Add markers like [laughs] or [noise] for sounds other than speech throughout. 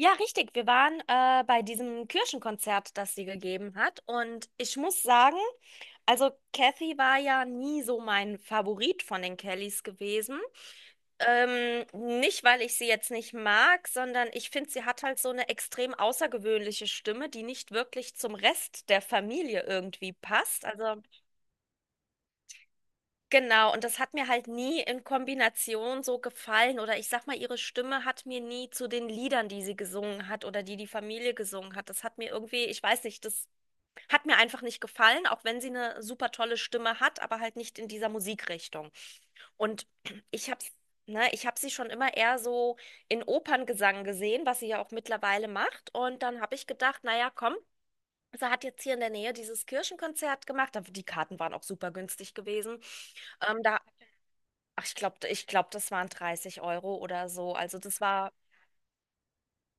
Ja, richtig. Wir waren bei diesem Kirchenkonzert, das sie gegeben hat. Und ich muss sagen, also Kathy war ja nie so mein Favorit von den Kellys gewesen. Nicht, weil ich sie jetzt nicht mag, sondern ich finde, sie hat halt so eine extrem außergewöhnliche Stimme, die nicht wirklich zum Rest der Familie irgendwie passt. Also genau, und das hat mir halt nie in Kombination so gefallen. Oder ich sag mal, ihre Stimme hat mir nie zu den Liedern, die sie gesungen hat oder die die Familie gesungen hat. Das hat mir irgendwie, ich weiß nicht, das hat mir einfach nicht gefallen, auch wenn sie eine super tolle Stimme hat, aber halt nicht in dieser Musikrichtung. Und ich hab's, ne, ich hab sie schon immer eher so in Operngesang gesehen, was sie ja auch mittlerweile macht. Und dann habe ich gedacht, naja, komm, sie hat jetzt hier in der Nähe dieses Kirchenkonzert gemacht. Die Karten waren auch super günstig gewesen. Da Ach, ich glaube, das waren 30 Euro oder so. Also das war,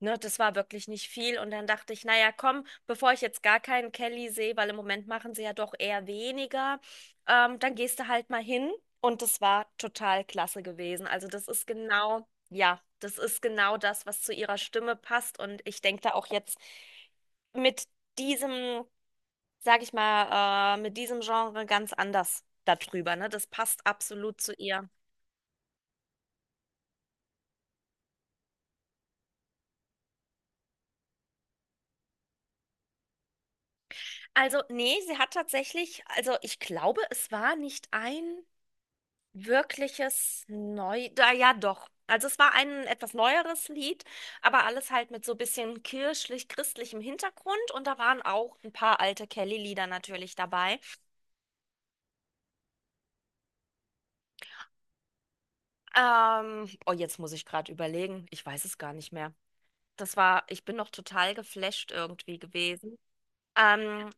ne, das war wirklich nicht viel. Und dann dachte ich, naja, komm, bevor ich jetzt gar keinen Kelly sehe, weil im Moment machen sie ja doch eher weniger, dann gehst du halt mal hin. Und das war total klasse gewesen. Also das ist genau, ja, das ist genau das, was zu ihrer Stimme passt. Und ich denke da auch jetzt mit diesem, sag ich mal, mit diesem Genre ganz anders darüber, ne? Das passt absolut zu ihr. Also, nee, sie hat tatsächlich, also ich glaube, es war nicht ein wirkliches Neu, da ja doch. Also es war ein etwas neueres Lied, aber alles halt mit so bisschen kirchlich-christlichem Hintergrund und da waren auch ein paar alte Kelly-Lieder natürlich dabei. Oh, jetzt muss ich gerade überlegen, ich weiß es gar nicht mehr. Das war, ich bin noch total geflasht irgendwie gewesen. Ähm,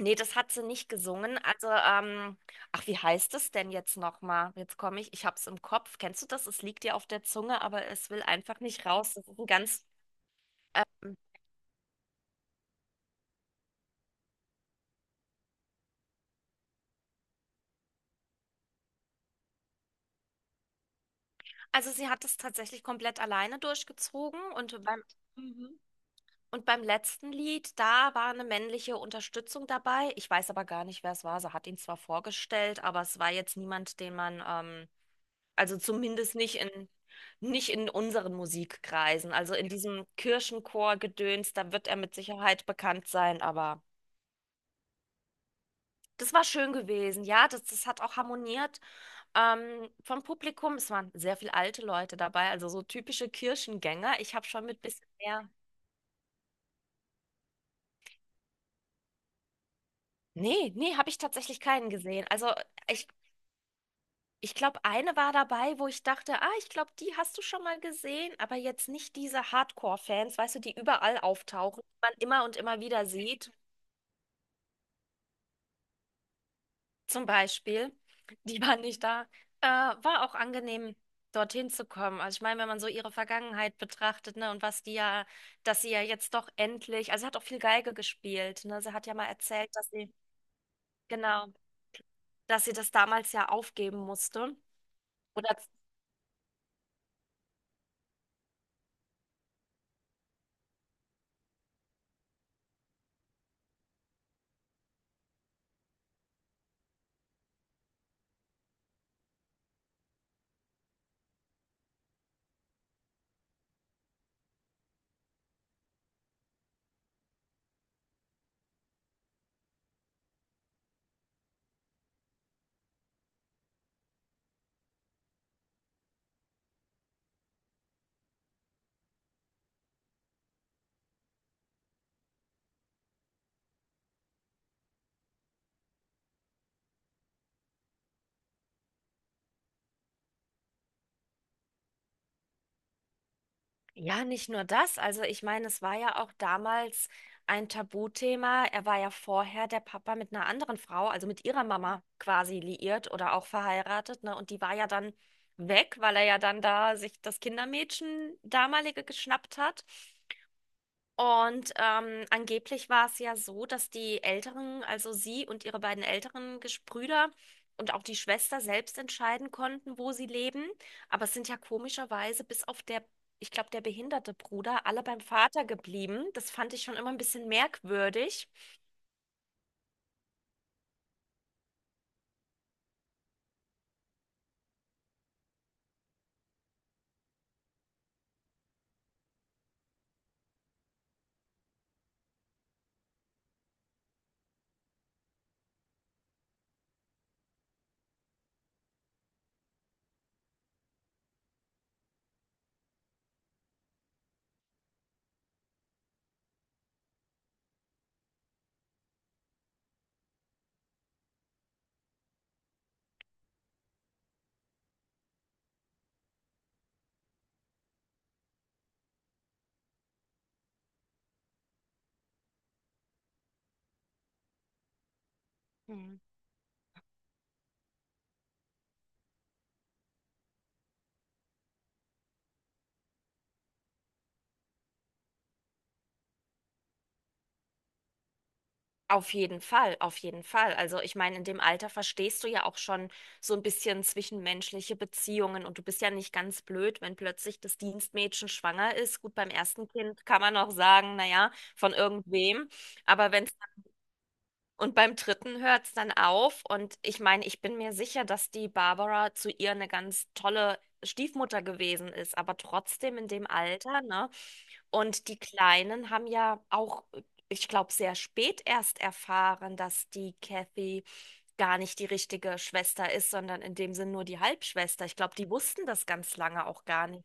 Nee, das hat sie nicht gesungen. Also, ach, wie heißt es denn jetzt nochmal? Jetzt komme ich, ich hab's im Kopf. Kennst du das? Es liegt dir auf der Zunge, aber es will einfach nicht raus. Das ist ein ganz, ähm, also sie hat es tatsächlich komplett alleine durchgezogen und beim, mhm, und beim letzten Lied, da war eine männliche Unterstützung dabei. Ich weiß aber gar nicht, wer es war. Sie hat ihn zwar vorgestellt, aber es war jetzt niemand, den man, also zumindest nicht in, nicht in unseren Musikkreisen. Also in diesem Kirchenchor-Gedöns, da wird er mit Sicherheit bekannt sein, aber das war schön gewesen. Ja, das, das hat auch harmoniert vom Publikum. Es waren sehr viele alte Leute dabei, also so typische Kirchengänger. Ich habe schon mit bisschen mehr. Nee, nee, habe ich tatsächlich keinen gesehen. Also ich, ich glaube, eine war dabei, wo ich dachte, ah, ich glaube, die hast du schon mal gesehen, aber jetzt nicht diese Hardcore-Fans, weißt du, die überall auftauchen, die man immer und immer wieder sieht. Zum Beispiel, die waren nicht da, war auch angenehm, dorthin zu kommen. Also ich meine, wenn man so ihre Vergangenheit betrachtet, ne, und was die ja, dass sie ja jetzt doch endlich, also sie hat auch viel Geige gespielt, ne? Sie hat ja mal erzählt, dass sie, genau, dass sie das damals ja aufgeben musste. Oder ja, nicht nur das. Also ich meine, es war ja auch damals ein Tabuthema. Er war ja vorher der Papa mit einer anderen Frau, also mit ihrer Mama quasi liiert oder auch verheiratet, ne? Und die war ja dann weg, weil er ja dann da sich das Kindermädchen damalige geschnappt hat. Und angeblich war es ja so, dass die Älteren, also sie und ihre beiden älteren Geschwister und auch die Schwester selbst entscheiden konnten, wo sie leben. Aber es sind ja komischerweise bis auf der, ich glaube, der behinderte Bruder, alle beim Vater geblieben. Das fand ich schon immer ein bisschen merkwürdig. Auf jeden Fall, auf jeden Fall. Also ich meine, in dem Alter verstehst du ja auch schon so ein bisschen zwischenmenschliche Beziehungen und du bist ja nicht ganz blöd, wenn plötzlich das Dienstmädchen schwanger ist. Gut, beim ersten Kind kann man noch sagen, naja, von irgendwem. Aber wenn und beim dritten hört es dann auf. Und ich meine, ich bin mir sicher, dass die Barbara zu ihr eine ganz tolle Stiefmutter gewesen ist, aber trotzdem in dem Alter, ne? Und die Kleinen haben ja auch, ich glaube, sehr spät erst erfahren, dass die Kathy gar nicht die richtige Schwester ist, sondern in dem Sinn nur die Halbschwester. Ich glaube, die wussten das ganz lange auch gar nicht.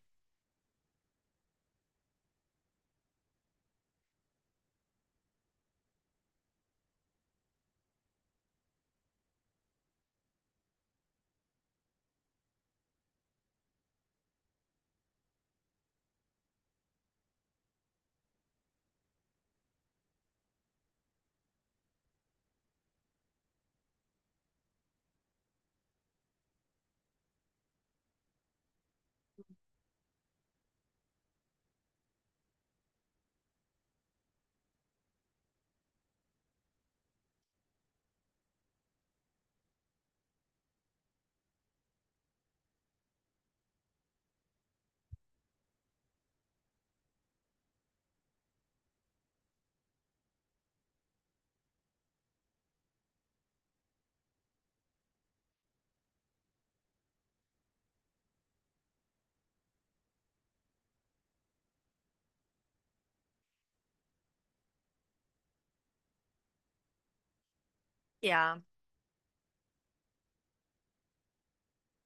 Ja.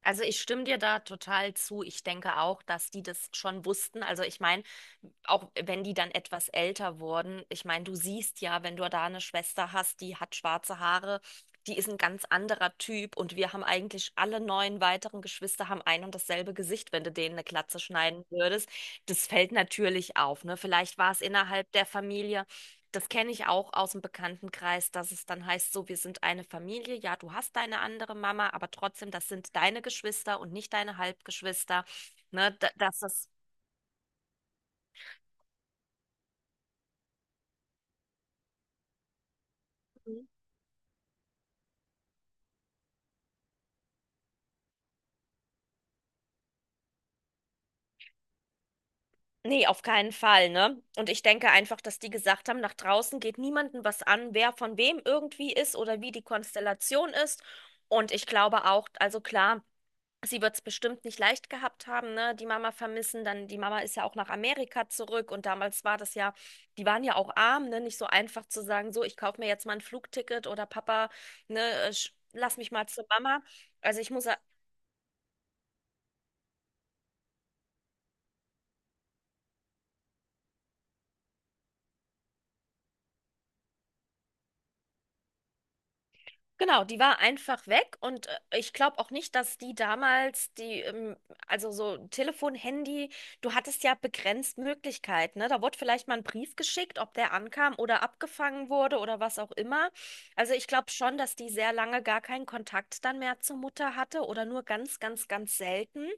Also ich stimme dir da total zu. Ich denke auch, dass die das schon wussten. Also ich meine, auch wenn die dann etwas älter wurden, ich meine, du siehst ja, wenn du da eine Schwester hast, die hat schwarze Haare, die ist ein ganz anderer Typ und wir haben eigentlich alle neun weiteren Geschwister haben ein und dasselbe Gesicht, wenn du denen eine Glatze schneiden würdest. Das fällt natürlich auf, ne? Vielleicht war es innerhalb der Familie, das kenne ich auch aus dem Bekanntenkreis, dass es dann heißt, so, wir sind eine Familie. Ja, du hast deine andere Mama, aber trotzdem, das sind deine Geschwister und nicht deine Halbgeschwister. Dass das. Mhm. Nee, auf keinen Fall, ne? Und ich denke einfach, dass die gesagt haben, nach draußen geht niemandem was an, wer von wem irgendwie ist oder wie die Konstellation ist. Und ich glaube auch, also klar. Sie wird es bestimmt nicht leicht gehabt haben, ne? Die Mama vermissen, dann die Mama ist ja auch nach Amerika zurück und damals war das ja, die waren ja auch arm, ne? Nicht so einfach zu sagen, so, ich kaufe mir jetzt mal ein Flugticket oder Papa, ne, lass mich mal zu Mama. Also ich muss, genau, die war einfach weg und ich glaube auch nicht, dass die damals die, also so Telefon, Handy, du hattest ja begrenzt Möglichkeiten, ne? Da wurde vielleicht mal ein Brief geschickt, ob der ankam oder abgefangen wurde oder was auch immer. Also ich glaube schon, dass die sehr lange gar keinen Kontakt dann mehr zur Mutter hatte oder nur ganz, ganz, ganz selten.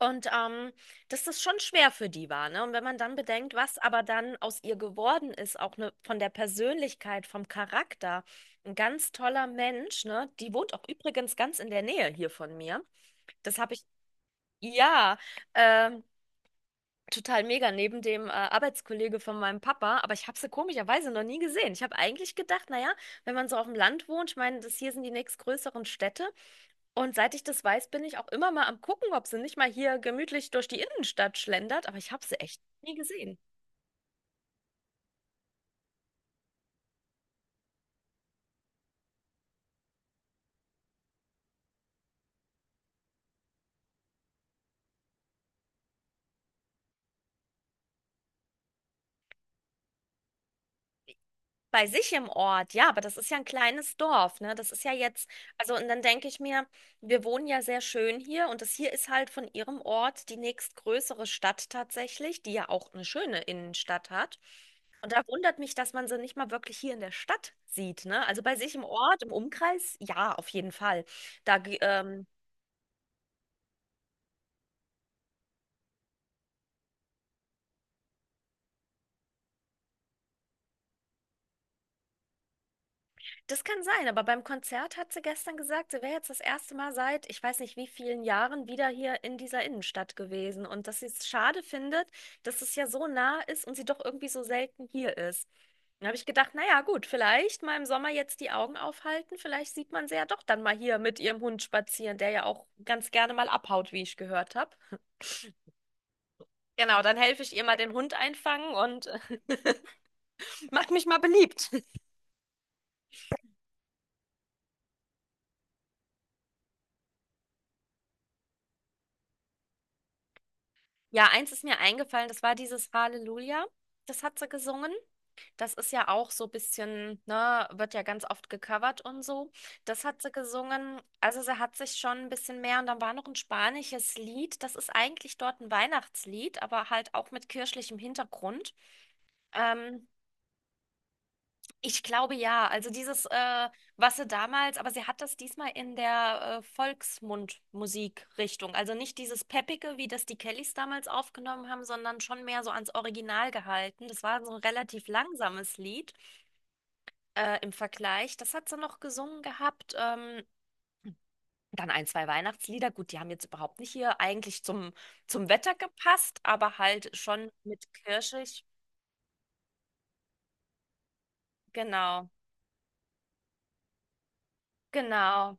Und dass das schon schwer für die war, ne? Und wenn man dann bedenkt, was aber dann aus ihr geworden ist, auch ne, von der Persönlichkeit, vom Charakter, ein ganz toller Mensch, ne? Die wohnt auch übrigens ganz in der Nähe hier von mir. Das habe ich, ja, ähm, total mega neben dem Arbeitskollege von meinem Papa, aber ich habe sie komischerweise noch nie gesehen. Ich habe eigentlich gedacht, naja, wenn man so auf dem Land wohnt, ich meine, das hier sind die nächstgrößeren Städte. Und seit ich das weiß, bin ich auch immer mal am gucken, ob sie nicht mal hier gemütlich durch die Innenstadt schlendert, aber ich habe sie echt nie gesehen. Bei sich im Ort, ja, aber das ist ja ein kleines Dorf, ne? Das ist ja jetzt, also und dann denke ich mir, wir wohnen ja sehr schön hier und das hier ist halt von ihrem Ort die nächstgrößere Stadt tatsächlich, die ja auch eine schöne Innenstadt hat. Und da wundert mich, dass man sie nicht mal wirklich hier in der Stadt sieht, ne? Also bei sich im Ort, im Umkreis, ja, auf jeden Fall. Da, das kann sein, aber beim Konzert hat sie gestern gesagt, sie wäre jetzt das erste Mal seit, ich weiß nicht wie vielen Jahren, wieder hier in dieser Innenstadt gewesen und dass sie es schade findet, dass es ja so nah ist und sie doch irgendwie so selten hier ist. Dann habe ich gedacht, naja, gut, vielleicht mal im Sommer jetzt die Augen aufhalten, vielleicht sieht man sie ja doch dann mal hier mit ihrem Hund spazieren, der ja auch ganz gerne mal abhaut, wie ich gehört habe. Genau, dann helfe ich ihr mal den Hund einfangen und [laughs] mach mich mal beliebt. Ja, eins ist mir eingefallen, das war dieses Halleluja, das hat sie gesungen. Das ist ja auch so ein bisschen, ne, wird ja ganz oft gecovert und so. Das hat sie gesungen. Also sie hat sich schon ein bisschen mehr. Und dann war noch ein spanisches Lied. Das ist eigentlich dort ein Weihnachtslied, aber halt auch mit kirchlichem Hintergrund. Ähm, Ich glaube ja. Also dieses, was sie damals, aber sie hat das diesmal in der Volksmundmusikrichtung. Also nicht dieses Peppige, wie das die Kellys damals aufgenommen haben, sondern schon mehr so ans Original gehalten. Das war so ein relativ langsames Lied im Vergleich. Das hat sie noch gesungen gehabt. Dann ein, zwei Weihnachtslieder. Gut, die haben jetzt überhaupt nicht hier eigentlich zum, zum Wetter gepasst, aber halt schon mit kirschig. Genau, genau.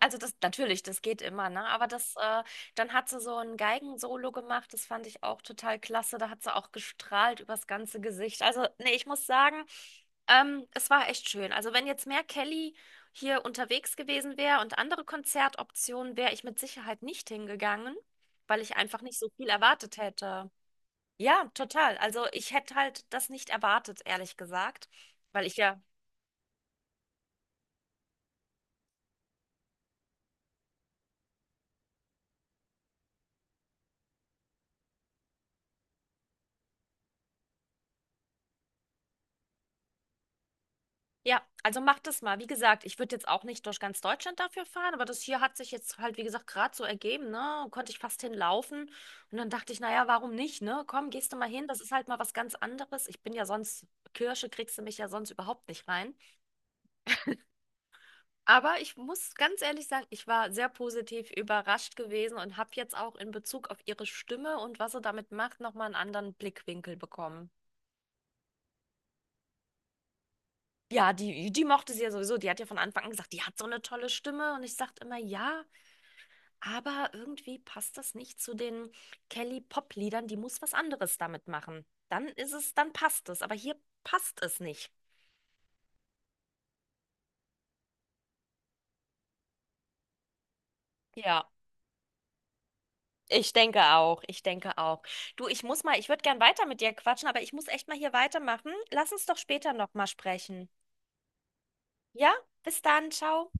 Also das natürlich, das geht immer, ne? Aber das, dann hat sie so ein Geigensolo gemacht, das fand ich auch total klasse. Da hat sie auch gestrahlt übers ganze Gesicht. Also, nee, ich muss sagen, es war echt schön. Also, wenn jetzt mehr Kelly hier unterwegs gewesen wäre und andere Konzertoptionen, wäre ich mit Sicherheit nicht hingegangen, weil ich einfach nicht so viel erwartet hätte. Ja, total. Also ich hätte halt das nicht erwartet, ehrlich gesagt, weil ich ja ja, also mach das mal. Wie gesagt, ich würde jetzt auch nicht durch ganz Deutschland dafür fahren, aber das hier hat sich jetzt halt, wie gesagt, gerade so ergeben, ne? Konnte ich fast hinlaufen. Und dann dachte ich, naja, warum nicht, ne? Komm, gehst du mal hin, das ist halt mal was ganz anderes. Ich bin ja sonst, Kirche kriegst du mich ja sonst überhaupt nicht rein. Aber ich muss ganz ehrlich sagen, ich war sehr positiv überrascht gewesen und habe jetzt auch in Bezug auf ihre Stimme und was sie damit macht, nochmal einen anderen Blickwinkel bekommen. Ja, die, die mochte sie ja sowieso. Die hat ja von Anfang an gesagt, die hat so eine tolle Stimme. Und ich sagte immer, ja. Aber irgendwie passt das nicht zu den Kelly-Pop-Liedern. Die muss was anderes damit machen. Dann ist es, dann passt es. Aber hier passt es nicht. Ja, ich denke auch. Ich denke auch. Du, ich muss mal, ich würde gern weiter mit dir quatschen, aber ich muss echt mal hier weitermachen. Lass uns doch später nochmal sprechen. Ja, bis dann, ciao.